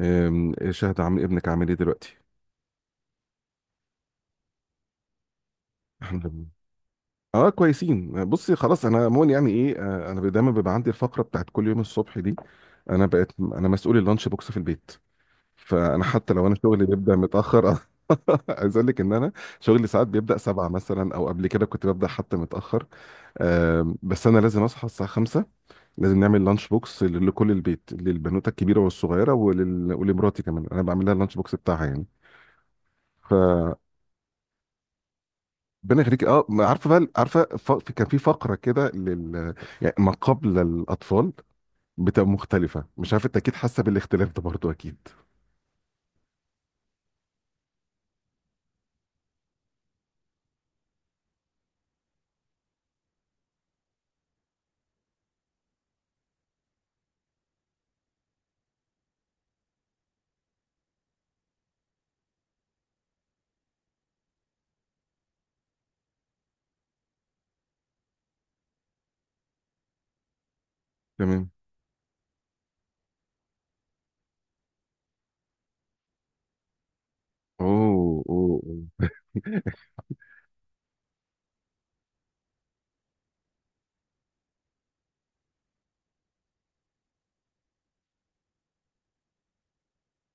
شهد، عم ابنك عامل ايه دلوقتي؟ الحمد لله. اه، كويسين. بصي خلاص، انا عموما يعني ايه، انا دايما بيبقى عندي الفقره بتاعت كل يوم الصبح دي. انا بقيت انا مسؤول اللانش بوكس في البيت. فانا حتى لو انا شغلي بيبدا متاخر عايز اقول لك ان انا شغلي ساعات بيبدا سبعة مثلا، او قبل كده كنت ببدا حتى متاخر. بس انا لازم اصحى الساعه خمسة. لازم نعمل لانش بوكس لكل البيت، للبنوته الكبيره والصغيره ولمراتي كمان، انا بعمل لها اللانش بوكس بتاعها يعني. ف ربنا يخليك. اه، ما عارفه بقى عارفه، كان في فقره كده يعني ما قبل الاطفال بتبقى مختلفه. مش عارف، انت اكيد حاسه بالاختلاف ده برضو، اكيد. تمام. اوه، اوه، أوه.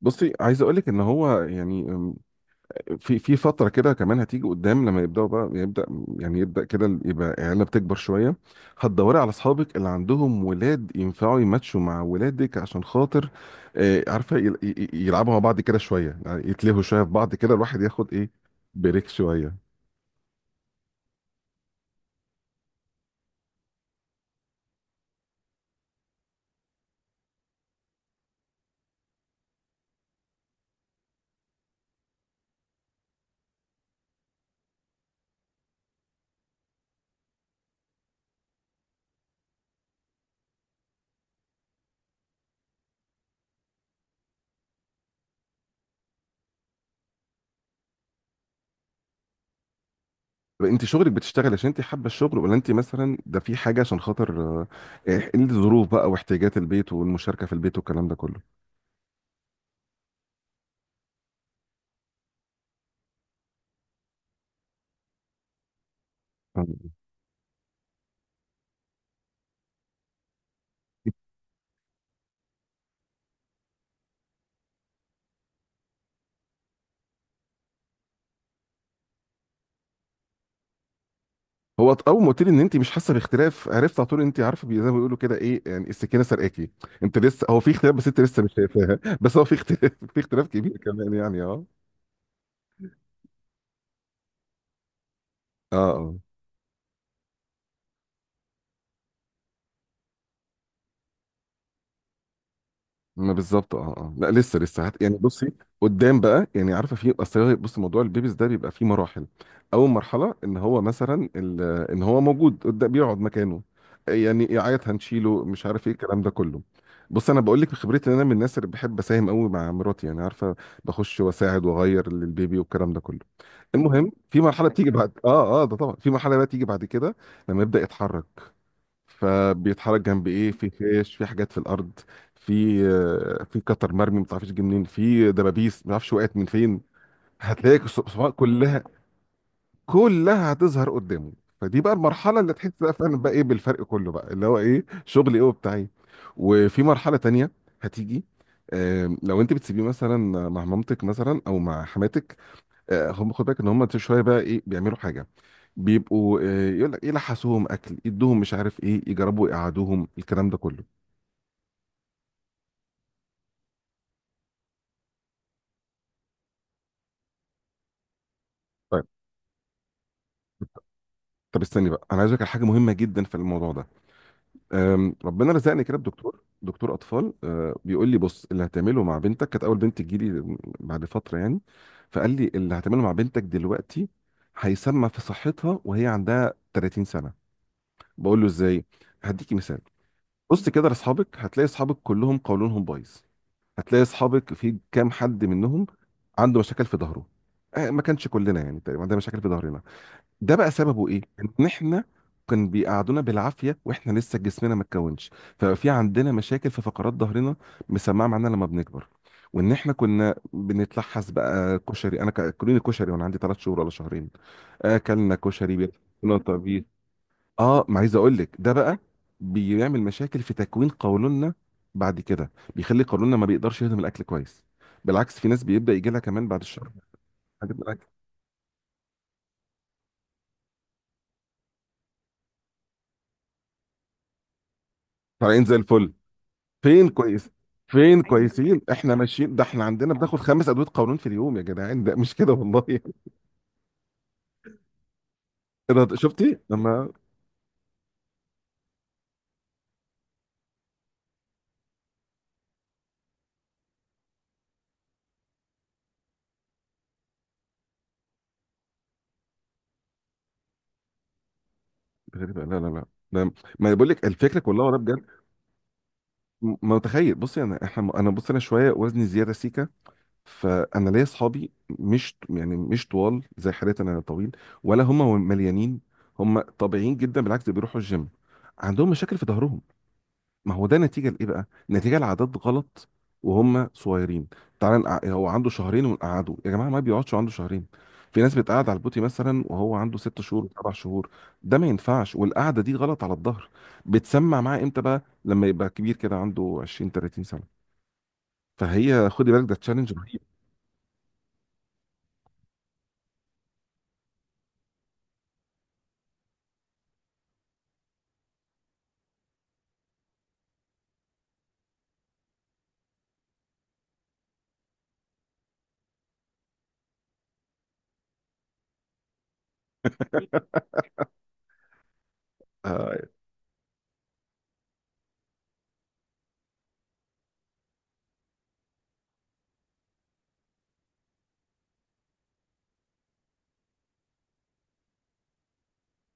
بصي، عايز اقول لك ان هو يعني في فترة كده كمان هتيجي قدام، لما يبدأوا بقى يبدأ كده، يبقى العيلة بتكبر شوية. هتدوري على أصحابك اللي عندهم ولاد ينفعوا يماتشوا مع ولادك عشان خاطر، عارفة، يلعبوا مع بعض كده شوية، يعني يتلهوا شوية في بعض كده، الواحد ياخد إيه، بريك شوية. طب أنت شغلك بتشتغل عشان أنت حابة الشغل، ولا أنت مثلا ده في حاجة عشان خاطر الظروف بقى، واحتياجات البيت والمشاركة في البيت والكلام ده كله؟ آه. هو اول ما قلت لي ان انت مش حاسه باختلاف عرفت على طول. انت عارفه، زي ما بيقولوا كده ايه، يعني السكينه سرقاكي. انت لسه، هو في اختلاف بس انت لسه مش شايفاها. بس هو في اختلاف كبير كمان يعني. اه، اه. آه. ما بالظبط، اه اه، لا، لسه يعني بصي، قدام بقى يعني عارفه، في اصل بصي، موضوع البيبيز ده بيبقى فيه مراحل. اول مرحله ان هو مثلا ان هو موجود قدام، بيقعد مكانه، يعني يعيط هنشيله، مش عارف ايه الكلام ده كله. بص، انا بقول لك بخبرتي ان انا من الناس اللي بحب اساهم قوي مع مراتي، يعني عارفه، بخش واساعد واغير للبيبي والكلام ده كله. المهم، في مرحله بتيجي بعد، ده طبعا، في مرحله بقى تيجي بعد كده، لما يبدا يتحرك. فبيتحرك جنب ايه، في فيش في حاجات في الارض. في قطر مرمي ما تعرفش جه منين، في دبابيس ما تعرفش وقعت من فين. هتلاقي الصفحات كلها، كلها هتظهر قدامه. فدي بقى المرحله اللي تحس بقى فعلا بقى ايه بالفرق كله بقى اللي هو ايه، شغل ايه وبتاعي. وفي مرحله تانية هتيجي، لو انت بتسيبيه مثلا مع مامتك مثلا، او مع حماتك، هم، خد بالك ان هم شويه بقى ايه بيعملوا حاجه. بيبقوا يقول لك يلحسوهم اكل، يدوهم مش عارف ايه، يجربوا يقعدوهم، الكلام ده كله. طيب. طب استني بقى، انا عايز اقول لك على حاجه مهمه جدا في الموضوع ده. ربنا رزقني كده بدكتور، دكتور اطفال، بيقول لي بص، اللي هتعمله مع بنتك، كانت اول بنت تجيلي بعد فتره يعني، فقال لي اللي هتعمله مع بنتك دلوقتي هيسمى في صحتها وهي عندها 30 سنه. بقول له ازاي؟ هديكي مثال. بص كده لاصحابك، هتلاقي اصحابك كلهم قولونهم بايظ. هتلاقي اصحابك في كام حد منهم عنده مشاكل في ظهره. ما كانش كلنا يعني تقريبا عندنا مشاكل في ظهرنا. ده بقى سببه ايه؟ ان احنا كان بيقعدونا بالعافيه واحنا لسه جسمنا ما اتكونش، ففي عندنا مشاكل في فقرات ظهرنا مسمعه معانا لما بنكبر. وان احنا كنا بنتلحس بقى كشري، انا اكلوني كشري وانا عندي 3 شهور ولا شهرين. اكلنا كشري بيتنطط. اه، ما عايز اقول لك ده بقى بيعمل مشاكل في تكوين قولوننا. بعد كده بيخلي قولوننا ما بيقدرش يهضم الاكل كويس. بالعكس، في ناس بيبدا يجي لها كمان بعد الشهر هضم الاكل طالعين زي الفل. فين كويس، فين كويسين احنا ماشيين؟ ده احنا عندنا بناخد 5 ادويه قولون في اليوم يا جدعان، ده مش كده والله. ده شفتي لما غريبه؟ لا، لا، لا، ده، ما بقول لك الفكره كلها ورا بجد. ما متخيل، بصي انا احنا، انا بص، انا شويه وزني زياده سيكا. فانا ليا اصحابي، مش يعني مش طوال زي حالتي انا طويل، ولا هم مليانين. هم طبيعيين جدا، بالعكس ده بيروحوا الجيم، عندهم مشاكل في ظهرهم. ما هو ده نتيجه لايه بقى؟ نتيجه لعادات غلط وهم صغيرين. تعال هو عنده شهرين ونقعده؟ يا جماعه ما بيقعدش عنده شهرين. في ناس بتقعد على البوتي مثلا وهو عنده 6 شهور و7 شهور. ده ما ينفعش، والقعده دي غلط على الظهر، بتسمع معاه امتى بقى؟ لما يبقى كبير كده عنده 20 30 سنه. فهي، خدي بالك، ده تشالنج رهيب. آه،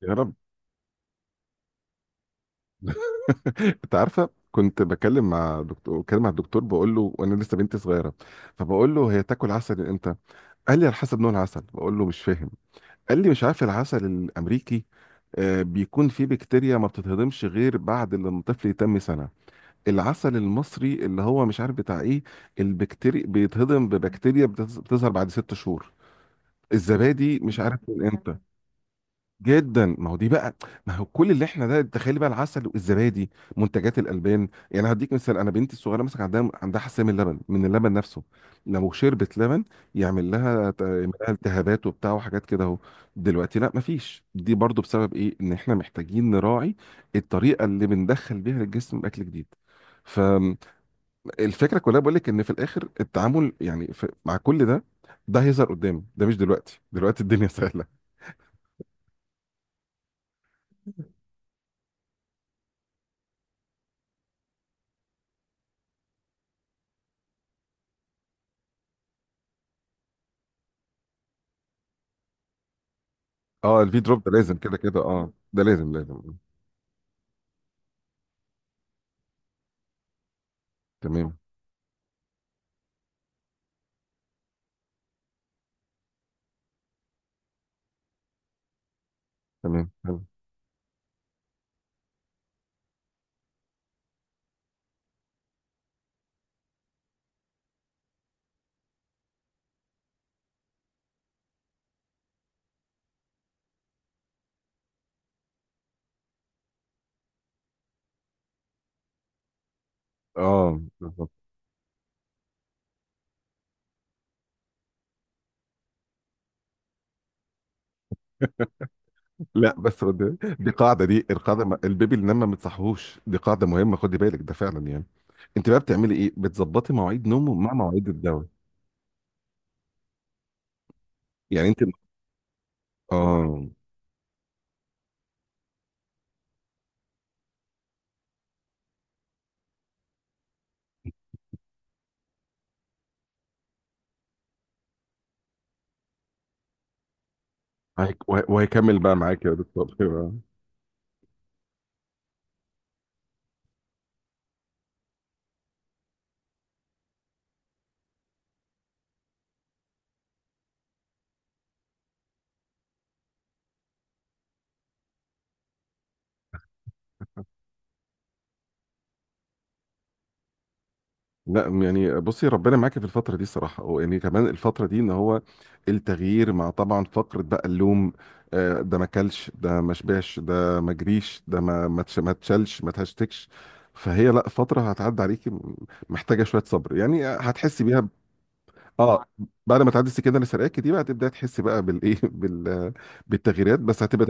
يا رب. انت عارفه، كنت بكلم مع دكتور، بتكلم مع الدكتور، بقول له وانا لسه بنتي صغيره، فبقول له هي تاكل عسل امتى؟ قال لي على حسب نوع العسل. بقول له مش فاهم. قال لي مش عارف، العسل الامريكي بيكون فيه بكتيريا ما بتتهضمش غير بعد لما الطفل يتم سنه. العسل المصري اللي هو مش عارف بتاع ايه، البكتيريا بيتهضم ببكتيريا بتظهر بعد 6 شهور. الزبادي مش عارف من امتى. جدا، ما هو دي بقى، ما هو كل اللي احنا، ده تخيلي بقى العسل والزبادي، منتجات الالبان يعني. هديك مثال، انا بنتي الصغيره مثلا عندها حساسيه من اللبن، من اللبن نفسه. لو شربت لبن يعمل لها يعمل لها التهابات وبتاع وحاجات كده اهو. دلوقتي لا، ما فيش. دي برضو بسبب ايه؟ ان احنا محتاجين نراعي الطريقه اللي بندخل بيها للجسم اكل جديد. فالفكره كلها، بقول لك ان في الاخر التعامل، يعني في مع كل ده، ده هيظهر قدام، ده مش دلوقتي، دلوقتي الدنيا سهله. اه، الفي دروب ده لازم كده كده، اه، ده لازم لازم. تمام، تمام، حلو. اه، بالظبط. لا بس، دي القاعده، البيبي اللي نام ما بتصحوش، دي قاعده مهمه، خدي بالك ده فعلا يعني. انت بقى بتعملي ايه؟ بتظبطي مواعيد نومه مع مواعيد الدواء؟ يعني انت؟ اه. وهيكمل بقى معاك يا دكتور. لا يعني بصي، ربنا معاكي في الفترة دي الصراحة، ويعني كمان الفترة دي ان هو التغيير، مع طبعا فقرة بقى اللوم، ده ما كلش، ده ما شبعش، ده ما جريش، ده ما تشلش، ما تهشتكش. فهي لا، فترة هتعدي عليكي، محتاجة شوية صبر يعني، هتحسي بيها اه بعد ما تعدي السكينة اللي سرقاكي دي، بقى تبدأ تحسي بقى بالايه بالتغييرات بس هتبقى.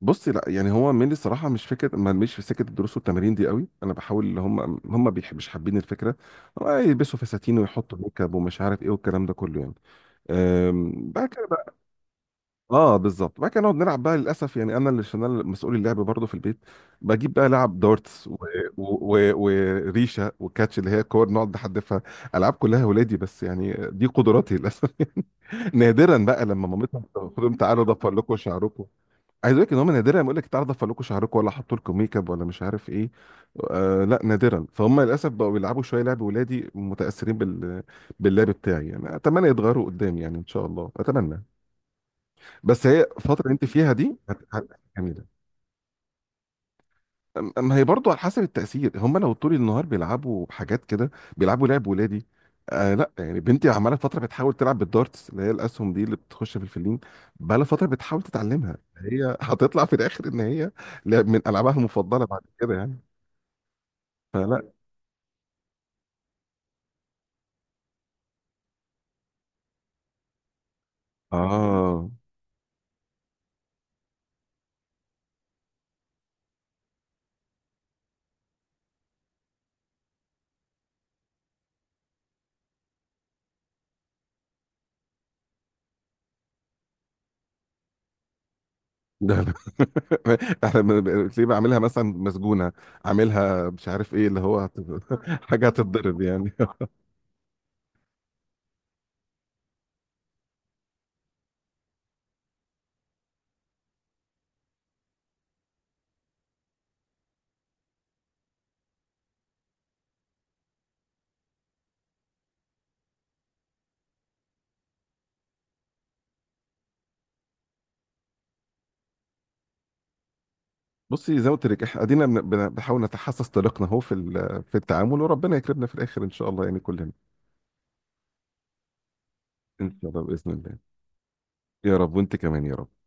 بصي لا، يعني هو ميلي الصراحه، مش فكره، ما مش في سكه الدروس والتمارين دي قوي. انا بحاول، اللي هم مش حابين الفكره. هو يلبسوا فساتين ويحطوا ميك اب ومش عارف ايه والكلام ده كله يعني. بعد كده بقى، اه بالظبط، بعد كده نقعد نلعب بقى للاسف. يعني انا اللي، عشان انا مسؤول اللعب برضه في البيت، بجيب بقى لعب دارتس و... و... وريشه وكاتش، اللي هي كور نقعد نحدفها، العاب كلها ولادي، بس يعني دي قدراتي للاسف. يعني نادرا بقى لما مامتهم تاخدهم، تعالوا ضفر لكم شعركم. عايز اقول لك ان هم نادرا لما يقول لك تعالى ضفر لكم شعركم، ولا حطوا لكم ميك اب، ولا مش عارف ايه. آه لا، نادرا. فهم للاسف بقوا بيلعبوا شويه لعب ولادي، متاثرين باللعب بتاعي يعني. اتمنى يتغيروا قدام يعني، ان شاء الله، اتمنى. بس هي الفتره اللي انت فيها دي جميله. ما هي برضه على حسب التأثير، هم لو طول النهار بيلعبوا بحاجات كده، بيلعبوا لعب ولادي. لا يعني، بنتي عمالة فترة بتحاول تلعب بالدارتس اللي هي الأسهم دي اللي بتخش في الفلين. بقالها فترة بتحاول تتعلمها هي، هتطلع في الآخر إن هي لعب من ألعابها المفضلة بعد كده يعني. فلا. آه ده لا. احنا تلاقيه بعملها مثلا مسجونة، عاملها مش عارف ايه اللي هو حاجة هتتضرب يعني. بصي زي ما قلت لك، احنا ادينا بنحاول نتحسس طريقنا اهو في في التعامل، وربنا يكرمنا في الاخر ان شاء الله يعني كلنا. ان شاء الله، باذن الله. يا رب، وانت كمان يا رب.